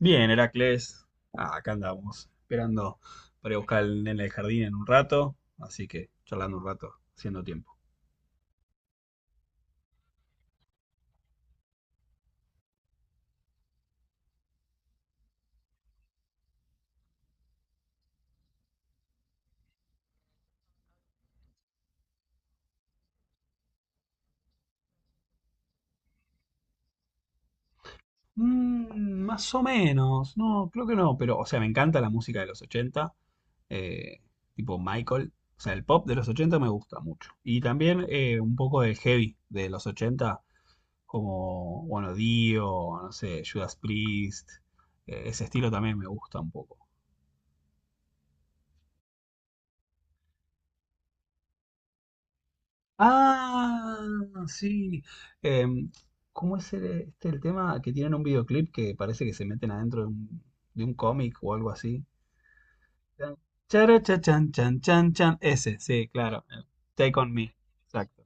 Bien, Heracles. Ah, acá andamos, esperando para ir a buscar al nene del jardín en un rato, así que charlando un rato, haciendo tiempo. Mm, más o menos, no, creo que no, pero, o sea, me encanta la música de los 80, eh, tipo Michael, o sea, el pop de los 80 me gusta mucho. Y también un poco de heavy de los 80, como, bueno, Dio, no sé, Judas Priest, ese estilo también me gusta un poco. Ah, sí. Em, ¿cómo es el, el tema que tienen un videoclip que parece que se meten adentro de un cómic o algo así? Chan, chara, cha, chan, chan, chan, chan. Ese, sí, claro. El Take on Me. Exacto.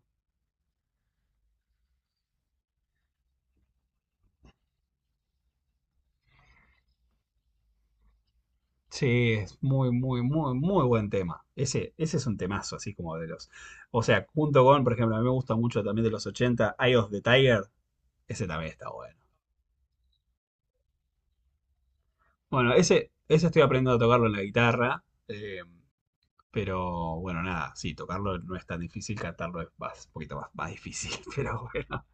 Sí, es muy, muy, muy, muy buen tema. Ese es un temazo, así como de los. O sea, junto con, por ejemplo, a mí me gusta mucho también de los 80, Eye of the Tiger. Ese también está bueno. Bueno, ese estoy aprendiendo a tocarlo en la guitarra. Pero bueno, nada, sí, tocarlo no es tan difícil, cantarlo es más, un poquito más, más difícil, pero bueno.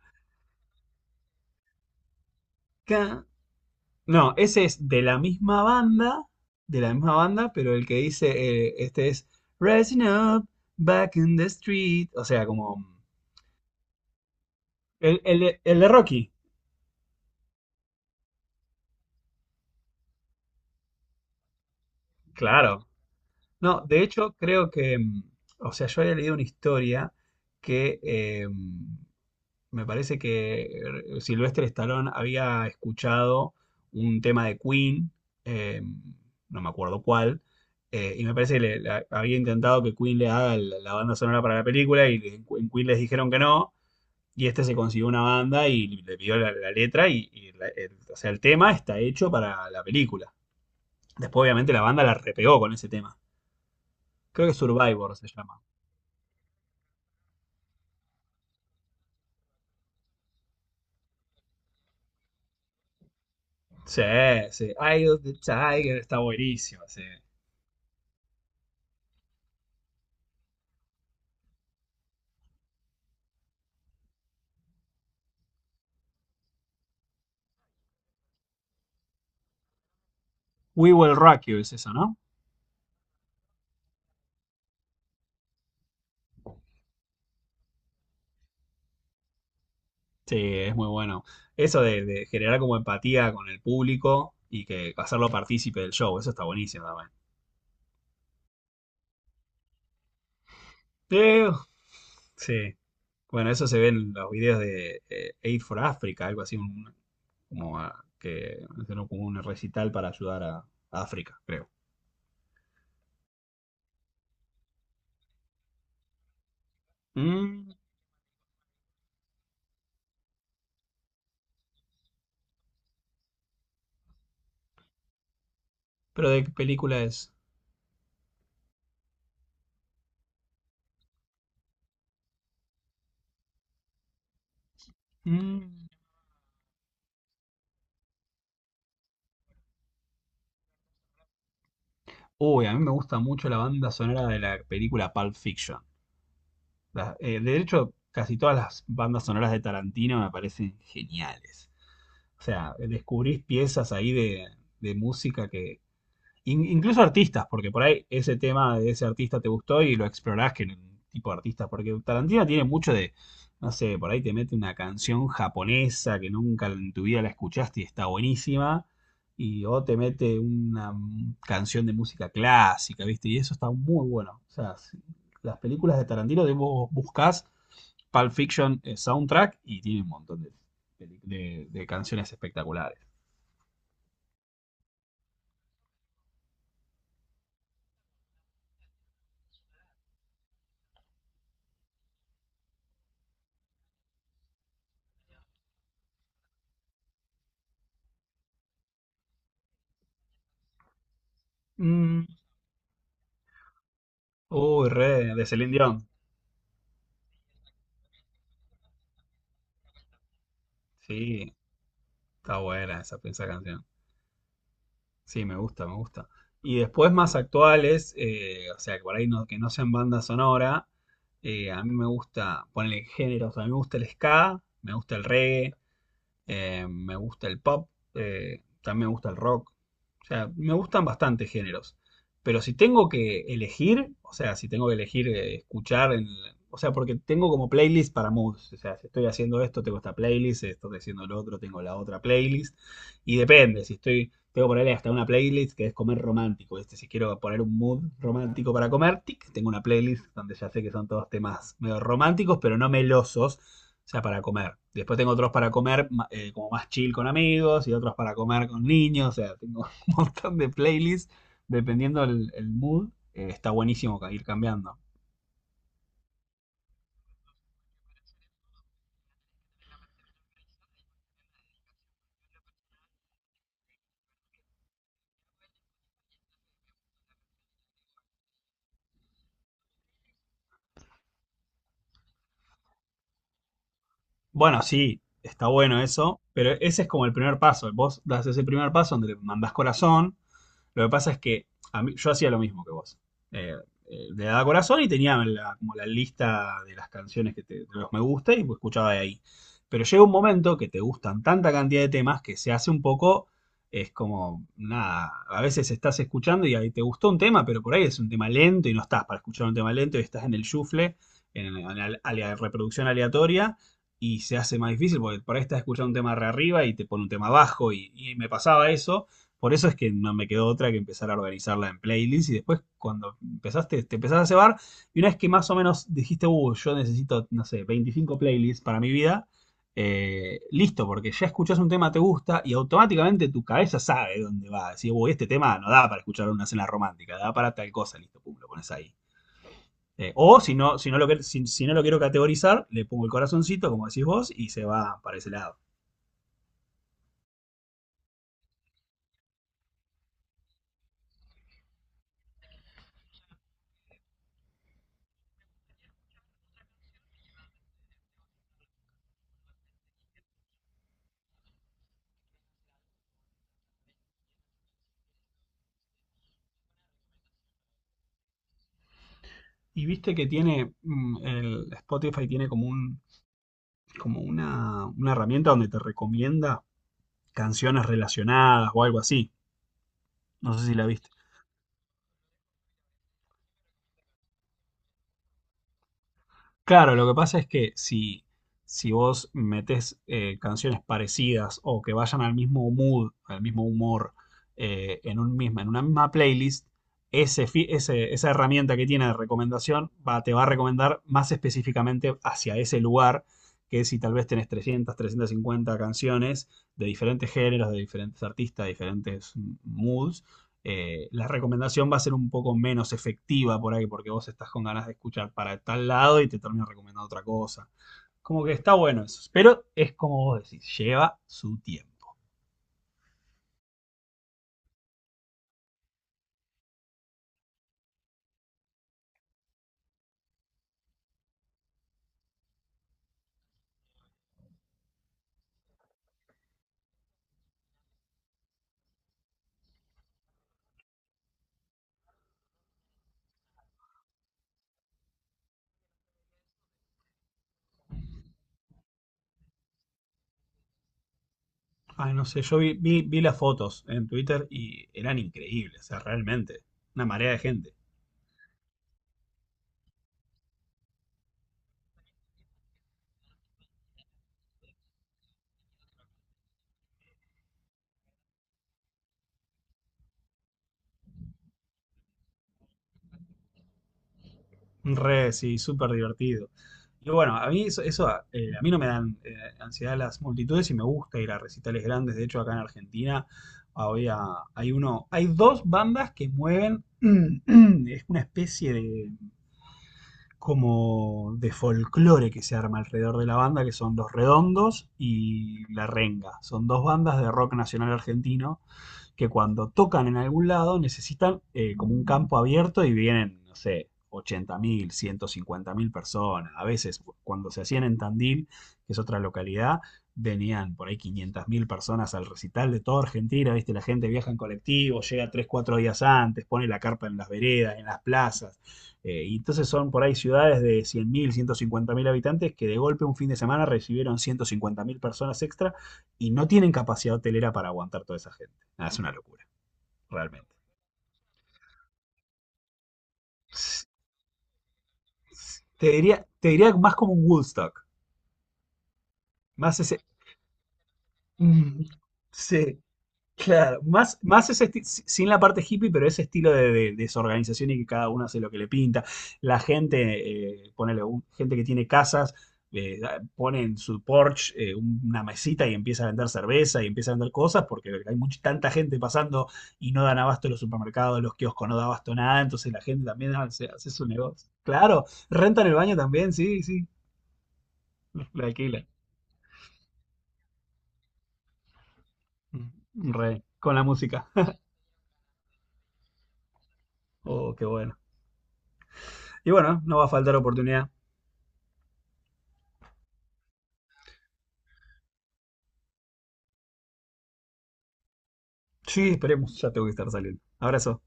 Ca- No, ese es de la misma banda, pero el que dice, este es Rising Up, Back in the Street, o sea, como el de Rocky, claro. No, de hecho creo que, o sea, yo había leído una historia que me parece que Sylvester Stallone había escuchado un tema de Queen, eh, no me acuerdo cuál, y me parece que le había intentado que Queen le haga la banda sonora para la película, y en Queen les dijeron que no, y este se consiguió una banda y le pidió la letra, y o sea, el tema está hecho para la película. Después obviamente la banda la repegó con ese tema. Creo que Survivor se llama. Sí, sí. Eye of the Tiger está buenísimo. Sí. We Will Rock You es eso, ¿no? Sí, es muy bueno. Eso de generar como empatía con el público y que hacerlo partícipe del show, eso está buenísimo también. Eh, Sí, bueno, eso se ve en los videos de Aid for Africa, algo así, que hicieron como un recital para ayudar a África, creo. Mm, pero ¿de qué película es? Mm. Uy, a mí me gusta mucho la banda sonora de la película Pulp Fiction. De hecho, casi todas las bandas sonoras de Tarantino me parecen geniales. O sea, descubrís piezas ahí de música incluso artistas, porque por ahí ese tema de ese artista te gustó y lo explorás que en un tipo de artista, porque Tarantino tiene mucho de, no sé, por ahí te mete una canción japonesa que nunca en tu vida la escuchaste y está buenísima, y o te mete una canción de música clásica, ¿viste? Y eso está muy bueno. O sea, las películas de Tarantino, de vos buscás Pulp Fiction soundtrack, y tiene un montón de canciones espectaculares. Mm. Uy, re, de Celine Dion. Sí, está buena esa canción. Sí, me gusta, me gusta. Y después más actuales, o sea, que por ahí no, que no sean banda sonora, a mí me gusta ponerle géneros, a mí me gusta el ska, me gusta el reggae, me gusta el pop, también me gusta el rock. O sea, me gustan bastante géneros. Pero si tengo que elegir, o sea, si tengo que elegir escuchar, o sea, porque tengo como playlist para moods. O sea, si estoy haciendo esto, tengo esta playlist, si estoy haciendo lo otro, tengo la otra playlist. Y depende, si estoy, tengo que ponerle hasta una playlist que es comer romántico. ¿Viste? Si quiero poner un mood romántico para comer, tic, tengo una playlist donde ya sé que son todos temas medio románticos, pero no melosos. O sea, para comer. Después tengo otros para comer como más chill con amigos y otros para comer con niños. O sea, tengo montón de playlists, dependiendo el mood, está buenísimo ir cambiando. Bueno, sí, está bueno eso, pero ese es como el primer paso. Vos das ese primer paso donde le mandás corazón. Lo que pasa es que yo hacía lo mismo que vos. Eh, le daba corazón y tenía como la lista de las canciones que te, de los me gusta, y pues escuchaba de ahí. Pero llega un momento que te gustan tanta cantidad de temas que se hace un poco, es como, nada, a veces estás escuchando y ahí te gustó un tema, pero por ahí es un tema lento y no estás para escuchar un tema lento y estás en el shuffle, en la reproducción aleatoria, y se hace más difícil porque por ahí estás escuchando un tema re arriba y te pone un tema abajo, y me pasaba eso, por eso es que no me quedó otra que empezar a organizarla en playlists, y después cuando empezaste, te empezás a cebar, y una vez que más o menos dijiste, yo necesito, no sé, 25 playlists para mi vida, listo, porque ya escuchás un tema, te gusta y automáticamente tu cabeza sabe dónde va. Decís, uy, este tema no da para escuchar una cena romántica, da para tal cosa, listo, pum, lo pones ahí. O si no, si, no lo, si, si no lo quiero categorizar, le pongo el corazoncito, como decís vos, y se va para ese lado. Y viste que tiene, el Spotify tiene como un, como una herramienta donde te recomienda canciones relacionadas o algo así. No sé si la viste. Claro, lo que pasa es que si vos metes canciones parecidas o que vayan al mismo mood, al mismo humor, en una misma playlist, esa herramienta que tiene de recomendación va, te va a recomendar más específicamente hacia ese lugar, que si tal vez tenés 300 350 canciones de diferentes géneros, de diferentes artistas, de diferentes moods, la recomendación va a ser un poco menos efectiva por ahí, porque vos estás con ganas de escuchar para tal lado y te termino recomendando otra cosa. Como que está bueno eso. Pero es como vos decís, lleva su tiempo. Ay, no sé, yo vi las fotos en Twitter y eran increíbles, o sea, realmente. Una marea de gente. Re, sí, súper divertido. Y bueno, a mí no me dan ansiedad las multitudes, y me gusta ir a recitales grandes. De hecho, acá en Argentina había, hay uno, hay dos bandas que mueven, es una especie de como de folclore que se arma alrededor de la banda, que son Los Redondos y La Renga. Son dos bandas de rock nacional argentino que cuando tocan en algún lado necesitan como un campo abierto y vienen, no sé, 80.000, mil personas. A veces, cuando se hacían en Tandil, que es otra localidad, venían por ahí 500.000 personas al recital de toda Argentina, ¿viste? La gente viaja en colectivo, llega 3 4 días antes, pone la carpa en las veredas, en las plazas. Y entonces son por ahí ciudades de 100.000, mil habitantes, que de golpe un fin de semana recibieron 150.000 personas extra, y no tienen capacidad hotelera para aguantar toda esa gente. Ah, es una locura, realmente. Te diría más como un Woodstock. Más ese. Mm, sí. Claro, más ese sin la parte hippie, pero ese estilo de desorganización, y que cada uno hace lo que le pinta. La gente, ponele, gente que tiene casas, pone en su porch una mesita, y empieza a vender cerveza y empieza a vender cosas porque hay mucha, tanta gente pasando, y no dan abasto los supermercados, los kioscos no dan abasto nada, entonces la gente también hace, hace su negocio. Claro, rentan el baño también, sí, sí, lo alquilan. Mm, re, con la música. Oh, qué bueno. Y bueno, no va a faltar oportunidad. Sí, esperemos, ya tengo que estar saliendo. Abrazo.